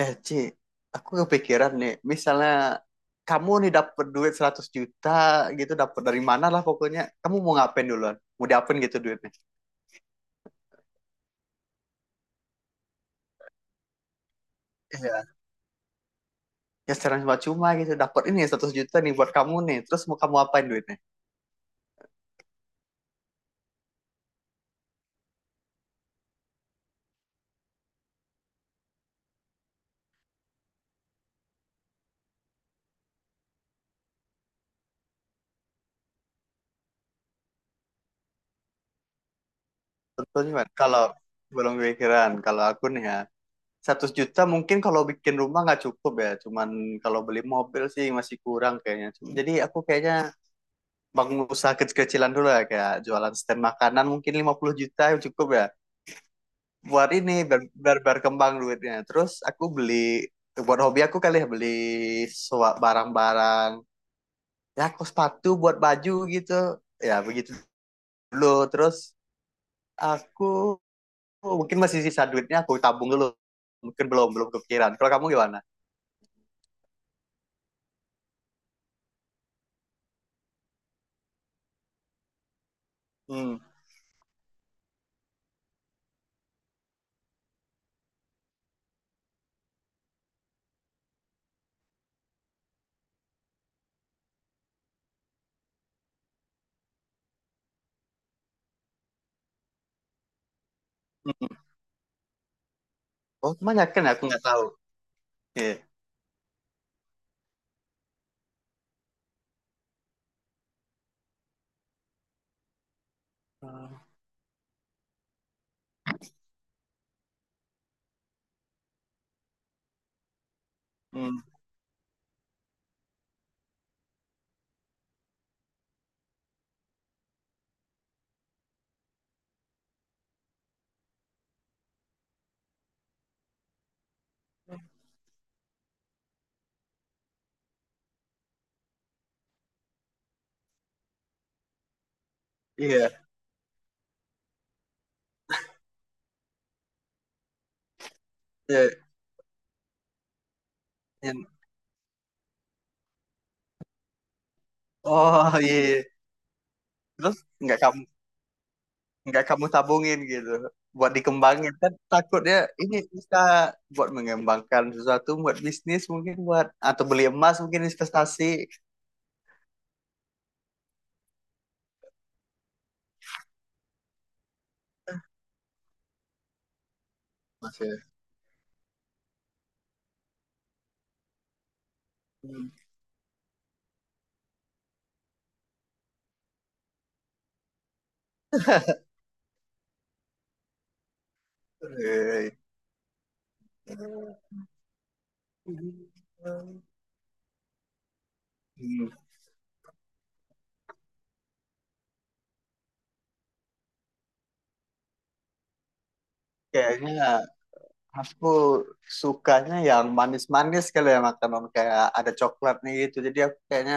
Eh, Ci, aku kepikiran nih, misalnya kamu nih dapet duit 100 juta gitu, dapet dari mana lah pokoknya. Kamu mau ngapain duluan? Mau diapain gitu duitnya? Iya. Ya secara cuma-cuma gitu, dapet ini 100 juta nih buat kamu nih. Terus mau kamu apain duitnya? Tentunya Mat, kalau belum kepikiran, kalau aku nih ya, 100 juta mungkin kalau bikin rumah nggak cukup ya, cuman kalau beli mobil sih masih kurang kayaknya. Jadi aku kayaknya bangun usaha kecil-kecilan dulu ya, kayak jualan stand makanan mungkin 50 juta cukup ya. Buat ini biar kembang duitnya, terus aku beli buat hobi aku kali ya, beli barang-barang, ya aku sepatu buat baju gitu, ya begitu dulu. Terus aku mungkin masih sisa duitnya, aku tabung dulu. Mungkin belum belum kepikiran. Kalau kamu gimana? Hmm. Hmm. Oh, banyak kan, aku nggak tahu. Iya. Hmm. Iya, iya. Iya. Oh iya, terus nggak kamu nggak kamu tabungin gitu buat dikembangin, kan takutnya ini bisa buat mengembangkan sesuatu buat bisnis, mungkin buat, atau beli emas mungkin, investasi. Masih. Hmm. Eh, hmm. Kayaknya aku sukanya yang manis-manis, kalau ya makanan kayak ada coklatnya gitu, jadi aku kayaknya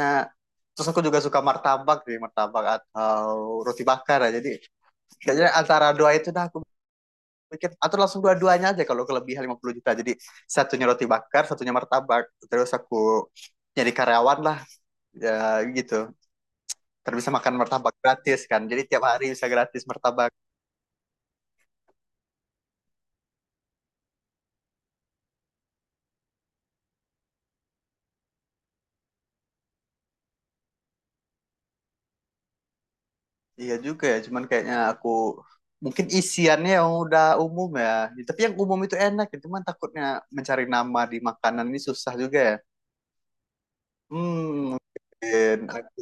terus aku juga suka martabak sih, martabak atau roti bakar ya. Jadi kayaknya antara dua itu dah aku bikin, atau langsung dua-duanya aja kalau kelebihan 50 juta. Jadi satunya roti bakar, satunya martabak. Terus aku jadi karyawan lah, ya gitu. Terus bisa makan martabak gratis kan. Jadi tiap hari bisa gratis martabak. Iya juga ya, cuman kayaknya aku mungkin isiannya yang udah umum ya. Tapi yang umum itu enak, ya. Cuman takutnya mencari nama di makanan ini susah juga ya. Hmm, mungkin aku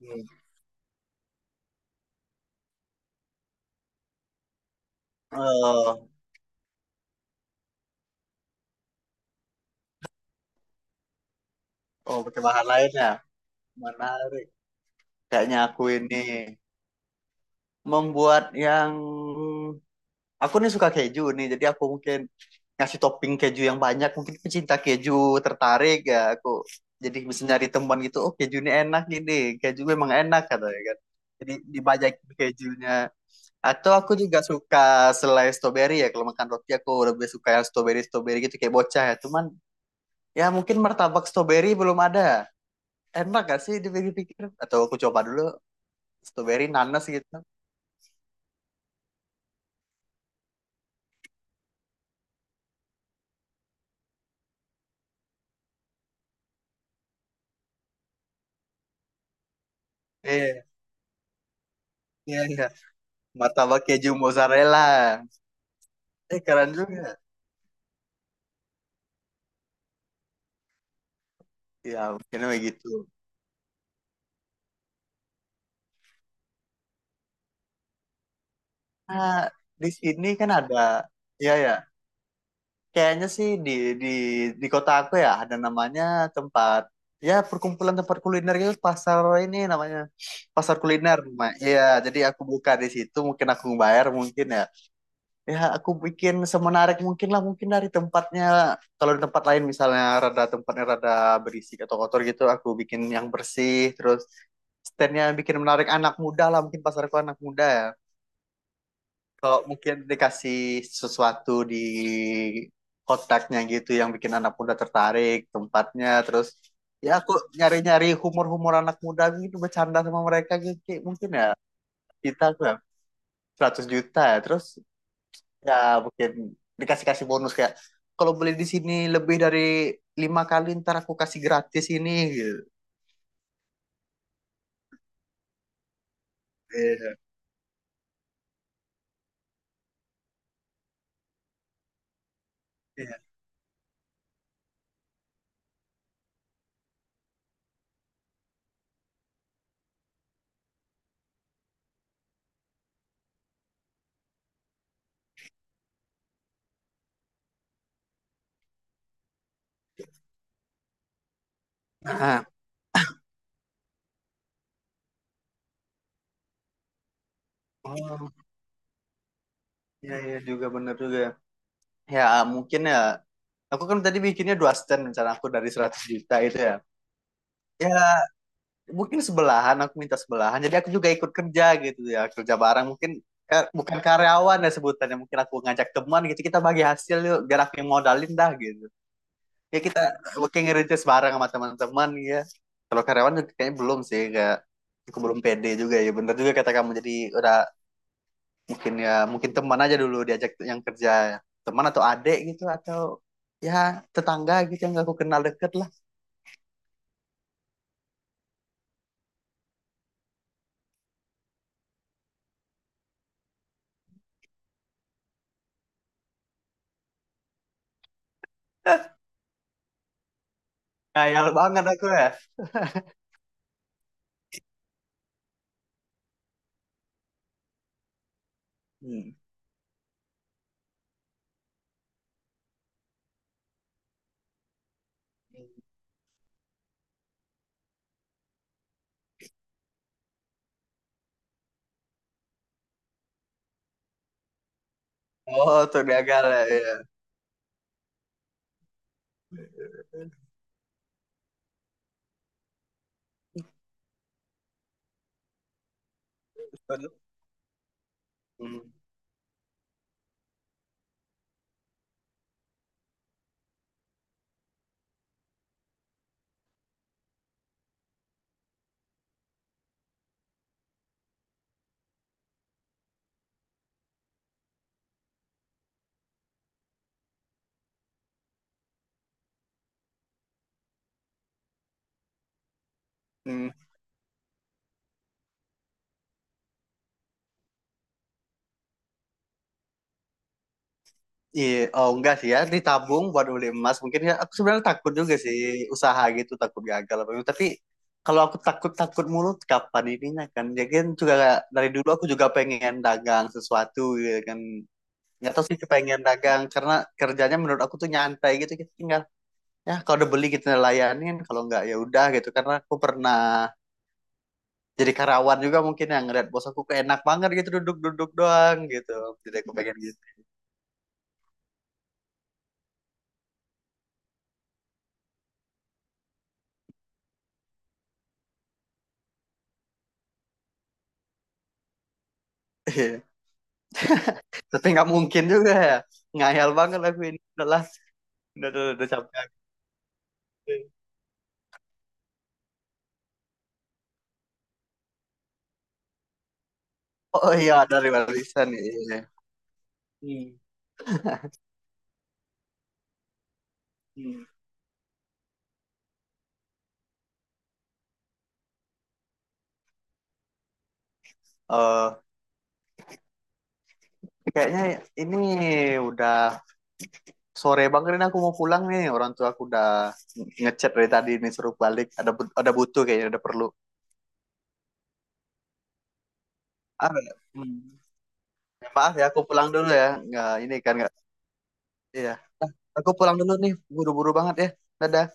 hmm. Oh, oh, pakai bahan lain ya. Menarik. Kayaknya aku ini membuat yang aku nih suka keju nih, jadi aku mungkin ngasih topping keju yang banyak, mungkin pecinta keju tertarik ya. Aku jadi bisa nyari teman gitu, oh keju ini enak gini, keju memang enak katanya kan. Jadi dibajakin kejunya. Atau aku juga suka selai strawberry ya, kalau makan roti aku lebih suka yang strawberry strawberry gitu, kayak bocah ya, cuman ya mungkin martabak strawberry belum ada, enak gak sih dipikir-pikir, atau aku coba dulu strawberry nanas gitu. Iya, iya, iya. Martabak keju mozzarella. Eh, keren juga. Ya mungkin begitu. Nah, di sini kan ada. Ya, ya. Kayaknya sih di di kota aku ya, ada namanya tempat, ya perkumpulan tempat kuliner gitu, pasar ini namanya pasar kuliner Ma. Iya, jadi aku buka di situ mungkin, aku bayar mungkin ya. Ya aku bikin semenarik mungkin lah, mungkin dari tempatnya, kalau di tempat lain misalnya rada tempatnya rada berisik atau kotor gitu, aku bikin yang bersih. Terus standnya yang bikin menarik anak muda lah, mungkin pasarku anak muda ya. Kalau mungkin dikasih sesuatu di kotaknya gitu yang bikin anak muda tertarik tempatnya. Terus ya aku nyari-nyari humor-humor anak muda gitu, bercanda sama mereka gitu. Kayak mungkin ya, kita aku ya juta ya, terus ya mungkin dikasih-kasih bonus, kayak kalau beli di sini lebih dari 5 kali, ntar aku kasih gratis ini gitu. Iya, iya. Ah, oh, iya, iya juga, bener juga. Ya, mungkin ya. Aku kan tadi bikinnya dua stand, rencana aku dari 100 juta itu ya. Ya, mungkin sebelahan, aku minta sebelahan. Jadi aku juga ikut kerja gitu ya. Kerja bareng mungkin, bukan karyawan ya sebutannya. Mungkin aku ngajak teman gitu, kita bagi hasil yuk. Biar aku yang modalin dah gitu. Ya kita working ngerintis bareng sama teman-teman ya. Kalau karyawan kayaknya belum sih, kayak aku belum pede juga ya. Bener juga kata kamu. Jadi udah, mungkin ya mungkin teman aja dulu diajak yang kerja, teman atau adik gitu atau ya tetangga gitu yang aku kenal deket lah. Ngayal banget aku ya. Hmm. Oh tuh dia gagal ya, iya. Hmm. Hmm. Iya, oh enggak sih, ya ditabung buat beli emas mungkin ya. Aku sebenarnya takut juga sih usaha gitu, takut gagal apa gitu. Tapi kalau aku takut takut mulu kapan ininya, kan ya, kan juga dari dulu aku juga pengen dagang sesuatu gitu kan. Nggak tahu sih, kepengen dagang karena kerjanya menurut aku tuh nyantai gitu, kita tinggal ya kalau udah beli kita layanin, kalau nggak ya udah gitu. Karena aku pernah jadi karyawan juga, mungkin yang ngeliat bos aku kok enak banget gitu, duduk-duduk doang gitu. Jadi aku pengen gitu. Iya. Tapi nggak mungkin juga ya, ngayal banget aku ini udahlah. Udah, udah capek aku. Oh iya, dari barisan, iya. Hmm. Hmm. Eh, kayaknya ini udah sore bang, ini aku mau pulang nih, orang tua aku udah ngechat dari tadi nih suruh balik, ada ada butuh kayaknya, ada perlu. Ah. Hmm. Ya, maaf ya, aku pulang dulu ya, nggak ini kan nggak. Iya, aku pulang dulu nih, buru-buru banget ya. Dadah.